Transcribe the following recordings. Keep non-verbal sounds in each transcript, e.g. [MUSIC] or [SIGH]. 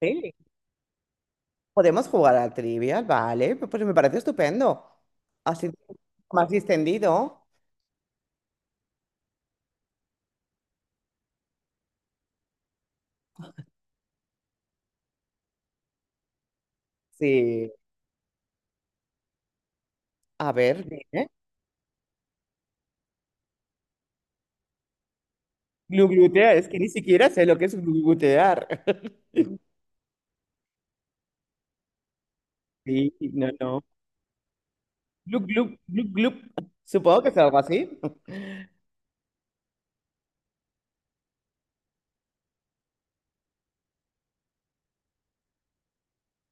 Sí. Podemos jugar a trivial, vale, pues me parece estupendo. Así más distendido. Sí, a ver, dime. Gluglutear, es que ni siquiera sé lo que es gluglutear. [LAUGHS] Sí, no, no. Glug, glug, glug, glug. Supongo que es algo así. [LAUGHS]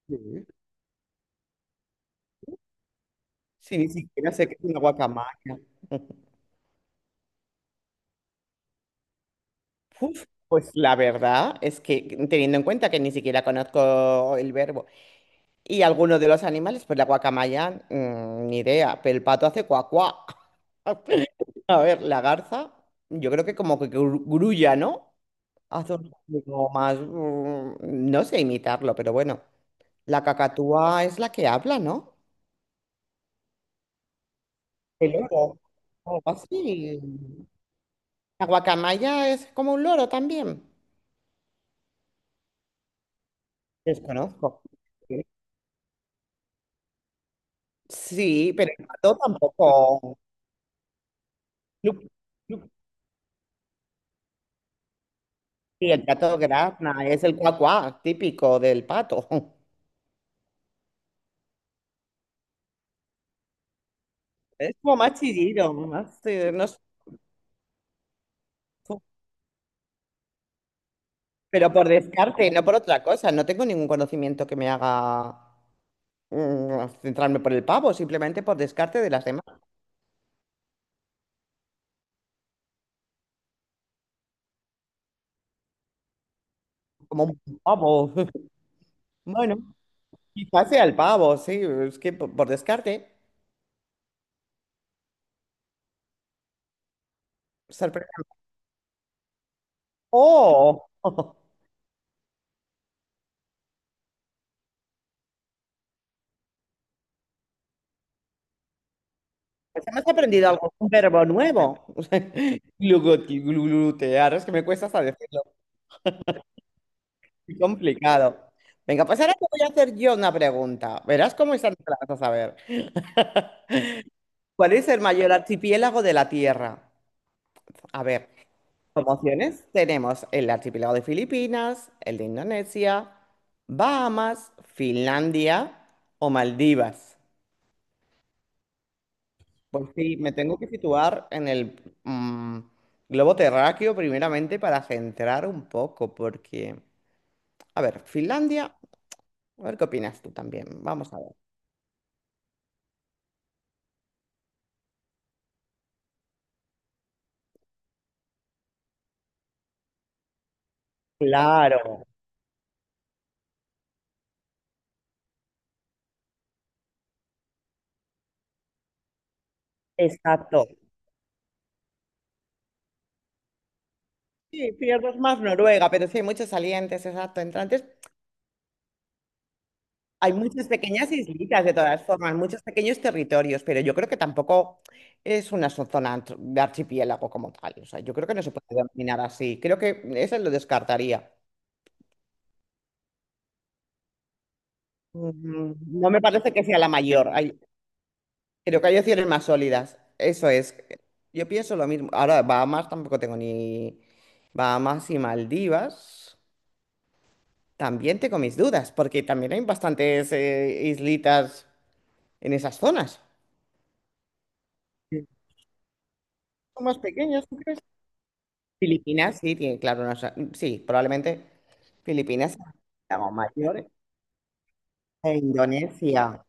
Sí, sí, ni siquiera sé qué es una guacamaya. [LAUGHS] Uf, pues la verdad es que teniendo en cuenta que ni siquiera conozco el verbo y alguno de los animales, pues la guacamaya, ni idea, pero el pato hace cuacuá. [LAUGHS] A ver, la garza, yo creo que como que grulla, ¿no? Hace un poco más, no sé imitarlo, pero bueno. La cacatúa es la que habla, ¿no? El loro, o así. La guacamaya es como un loro también. Desconozco. Sí, pero el gato tampoco. Clup, clup. Y el gato grazna es el cuacuá típico del pato. [LAUGHS] Es como más chillido, más, no sé. Pero por descarte, no por otra cosa. No tengo ningún conocimiento que me haga centrarme por el pavo, simplemente por descarte de las demás, como un pavo. [LAUGHS] Bueno, quizás sea el pavo, sí, es que por descarte, sorpresa. ¡Oh! [LAUGHS] Pues hemos aprendido algo, un verbo nuevo. [LAUGHS] Glutear, es que me cuesta hasta decirlo. Qué complicado. Venga, pues ahora te voy a hacer yo una pregunta. Verás cómo están las vas a ver. ¿Cuál es el mayor archipiélago de la Tierra? A ver. Como opciones tenemos el archipiélago de Filipinas, el de Indonesia, Bahamas, Finlandia o Maldivas. Pues sí, me tengo que situar en el globo terráqueo primeramente para centrar un poco, porque, a ver, Finlandia, a ver qué opinas tú también, vamos a ver. Claro, exacto. Sí, pierdes más Noruega, pero sí hay muchos salientes, exacto, entrantes. Hay muchas pequeñas islitas de todas formas, muchos pequeños territorios, pero yo creo que tampoco es una zona de archipiélago como tal. O sea, yo creo que no se puede denominar así. Creo que eso lo descartaría. Mm, No me parece que sea la mayor. Creo que hay opciones más sólidas. Eso es. Yo pienso lo mismo. Ahora, Bahamas tampoco tengo ni... Bahamas y Maldivas. También tengo mis dudas, porque también hay bastantes islitas en esas zonas. Sí. Son más pequeñas, ¿no crees? Filipinas, sí, tiene, claro, no sé, sí, probablemente Filipinas, estamos mayores, e Indonesia.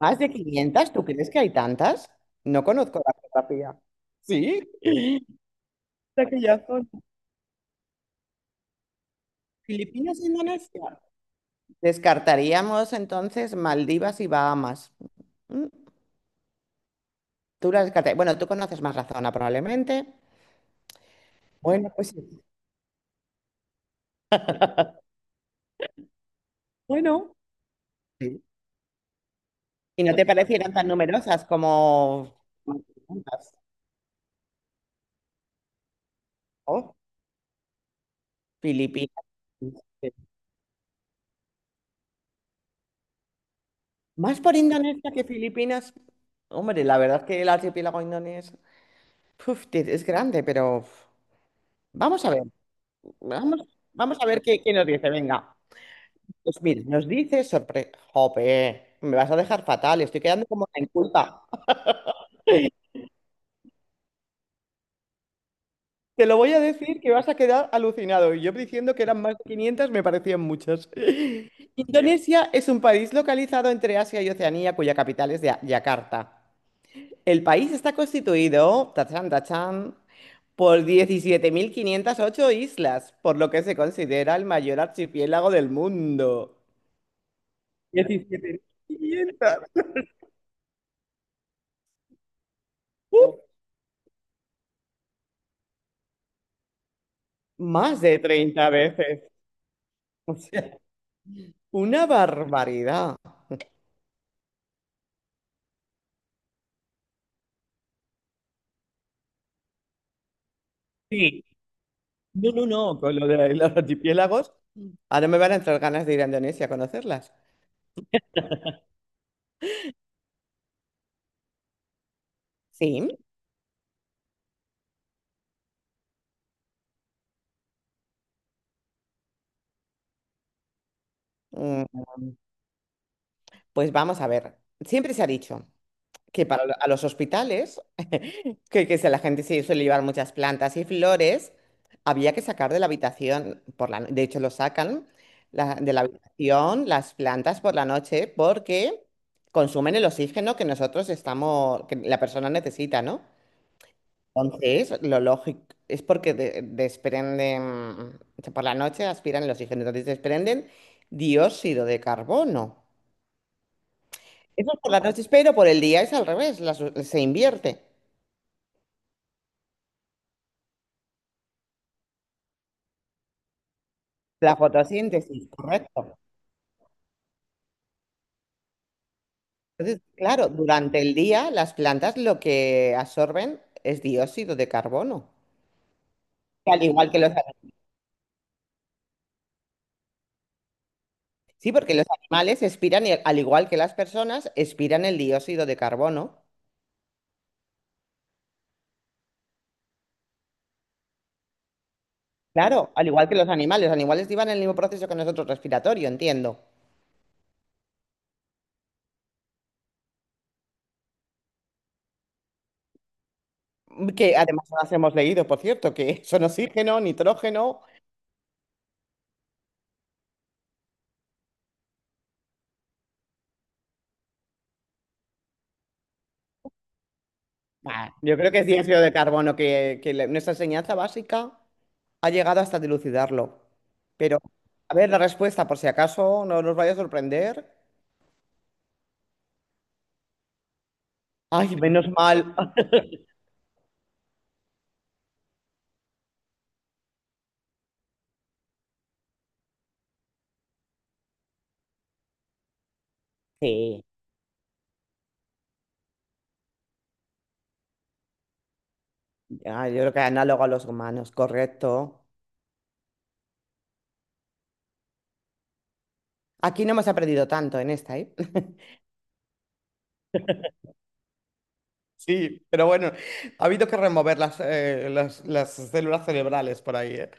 ¿Más de 500? ¿Tú crees que hay tantas? No conozco la geografía. Sí, [LAUGHS] o sea que ya son Filipinas, e Indonesia. Descartaríamos entonces Maldivas y Bahamas. Mm, Tú las descartarías. Bueno, tú conoces más la zona probablemente. Bueno, pues sí. Bueno. Sí. ¿Y no te parecieran tan numerosas como preguntas? Oh, Filipinas. Más por Indonesia que Filipinas. Hombre, la verdad que el archipiélago indonesio puf, es grande, pero uf, vamos a ver. Vamos, vamos a ver qué nos dice. Venga. Pues mira, nos dice sorpresa. Jope, me vas a dejar fatal. Estoy quedando como en culpa. Te lo voy a decir que vas a quedar alucinado. Y yo diciendo que eran más de 500 me parecían muchas. [LAUGHS] Indonesia es un país localizado entre Asia y Oceanía, cuya capital es Yakarta. El país está constituido, tachán, tachán, por 17.508 islas, por lo que se considera el mayor archipiélago del mundo. 17.500. ¡Uf! Más de 30 veces. O sea, una barbaridad. Sí. No, no, no, con lo de los archipiélagos. Ahora me van a entrar ganas de ir a Indonesia a conocerlas. Sí. Mm, Pues vamos a ver. Siempre se ha dicho, que para a los hospitales, [LAUGHS] que si la gente se suele llevar muchas plantas y flores, había que sacar de la habitación, por la, no- de hecho lo sacan de la habitación las plantas por la noche porque consumen el oxígeno que nosotros estamos, que la persona necesita, ¿no? Entonces, lo lógico es porque desprenden, o sea, por la noche aspiran el oxígeno, entonces desprenden dióxido de carbono. Eso es por la noche, pero por el día es al revés, se invierte. La fotosíntesis, correcto. Entonces, claro, durante el día las plantas lo que absorben es dióxido de carbono. Al igual que los, sí, porque los animales expiran, y al igual que las personas, expiran el dióxido de carbono. Claro, al igual que los animales. Los animales llevan el mismo proceso que nosotros respiratorio, entiendo. Que además nos hemos leído, por cierto, que [LAUGHS] son oxígeno, nitrógeno. Bah, yo creo que es dióxido de carbono, que nuestra enseñanza básica ha llegado hasta dilucidarlo. Pero, a ver, la respuesta, por si acaso no nos vaya a sorprender. Ay, menos mal. Sí, ah, yo creo que análogo a los humanos, correcto. Aquí no hemos aprendido tanto en esta, ¿eh? [LAUGHS] Sí, pero bueno, ha habido que remover las células cerebrales por ahí, ¿eh?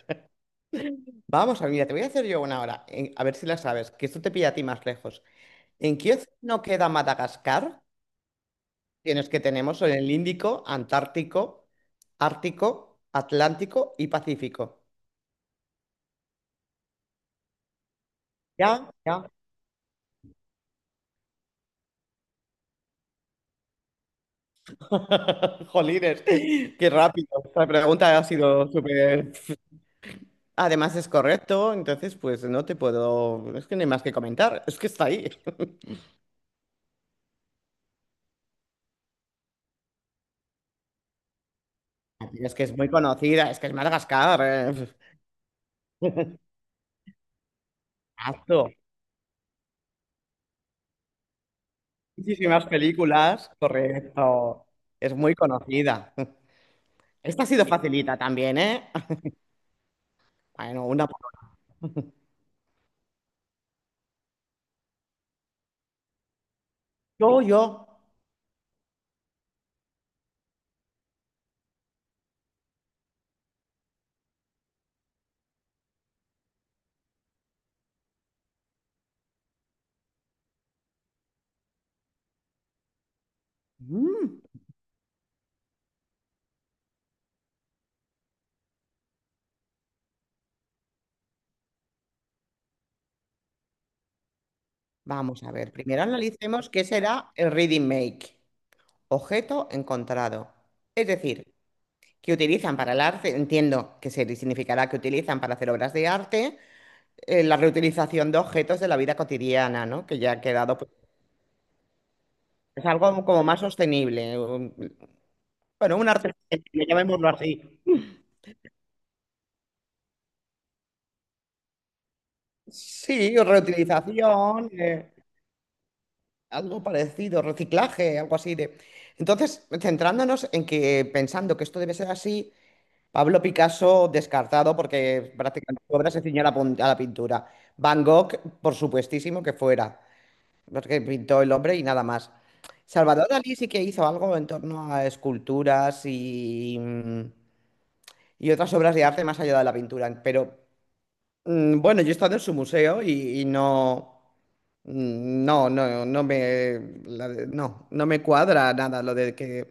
Vamos a ver, mira, te voy a hacer yo una hora, a ver si la sabes, que esto te pilla a ti más lejos. ¿En qué no queda Madagascar? Tienes que tenemos son el Índico, Antártico, Ártico, Atlántico y Pacífico. Ya, ya. [LAUGHS] Jolines, qué rápido. La pregunta ha sido súper. Además es correcto, entonces pues no te puedo. Es que no hay más que comentar. Es que está ahí. [LAUGHS] Es que es muy conocida, es que es Madagascar. [LAUGHS] Exacto. Muchísimas películas, correcto. Es muy conocida. Esta ha sido facilita también, ¿eh? Bueno, una. Yo. Mm. Vamos a ver, primero analicemos qué será el reading make, objeto encontrado. Es decir, que utilizan para el arte, entiendo que se significará que utilizan para hacer obras de arte la reutilización de objetos de la vida cotidiana, ¿no? Que ya ha quedado, pues, es algo como más sostenible. Bueno, un arte sostenible, llamémoslo así. Sí, o reutilización, algo parecido, reciclaje, algo así de. Entonces, centrándonos en que pensando que esto debe ser así. Pablo Picasso, descartado porque prácticamente su obra se ciñó a la pintura. Van Gogh, por supuestísimo que fuera, porque pintó el hombre y nada más. Salvador Dalí sí que hizo algo en torno a esculturas y otras obras de arte más allá de la pintura. Pero bueno, yo he estado en su museo y, no, no, no, no me, no, no me cuadra nada lo de que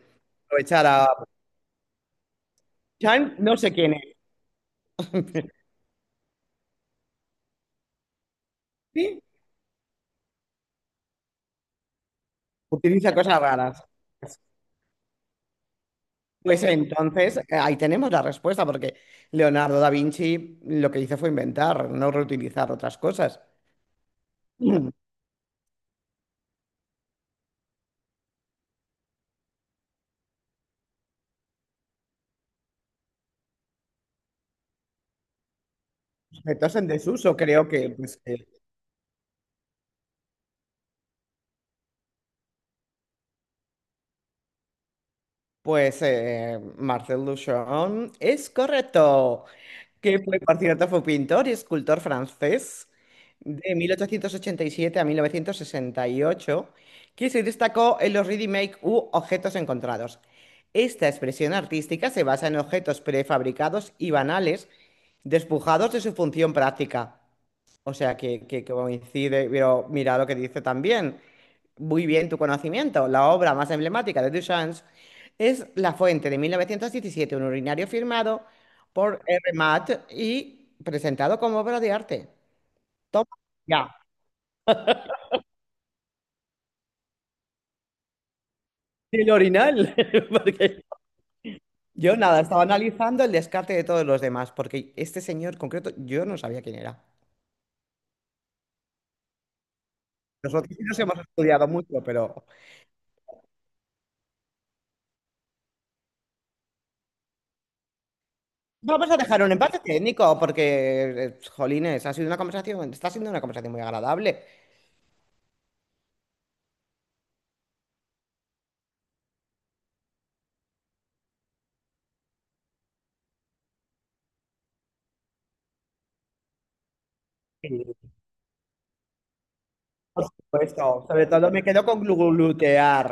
aprovechara. Chan, no sé quién es. [LAUGHS] ¿Sí? Utiliza cosas raras. Pues entonces, ahí tenemos la respuesta, porque Leonardo da Vinci lo que hizo fue inventar, no reutilizar otras cosas. Mm, Objetos en desuso, creo que pues, pues, Marcel Duchamp es correcto. Que fue, por cierto, fue pintor y escultor francés de 1887 a 1968, que se destacó en los ready-make u objetos encontrados. Esta expresión artística se basa en objetos prefabricados y banales, despojados de su función práctica. O sea, que coincide, pero mira lo que dice también muy bien tu conocimiento. La obra más emblemática de Duchamp es La Fuente de 1917, un urinario firmado por R. Matt y presentado como obra de arte. Toma ya. El orinal. [LAUGHS] Porque- Yo nada, estaba analizando el descarte de todos los demás, porque este señor concreto yo no sabía quién era. Nosotros sí nos hemos estudiado mucho, pero vamos a dejar un empate técnico, porque, jolines, ha sido una conversación, está siendo una conversación muy agradable. Por supuesto, sobre todo me quedo con glutear.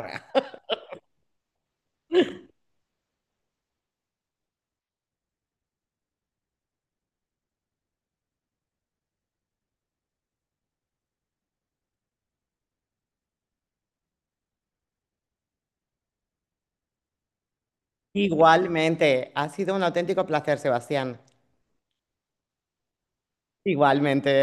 Igualmente, ha sido un auténtico placer, Sebastián. Igualmente.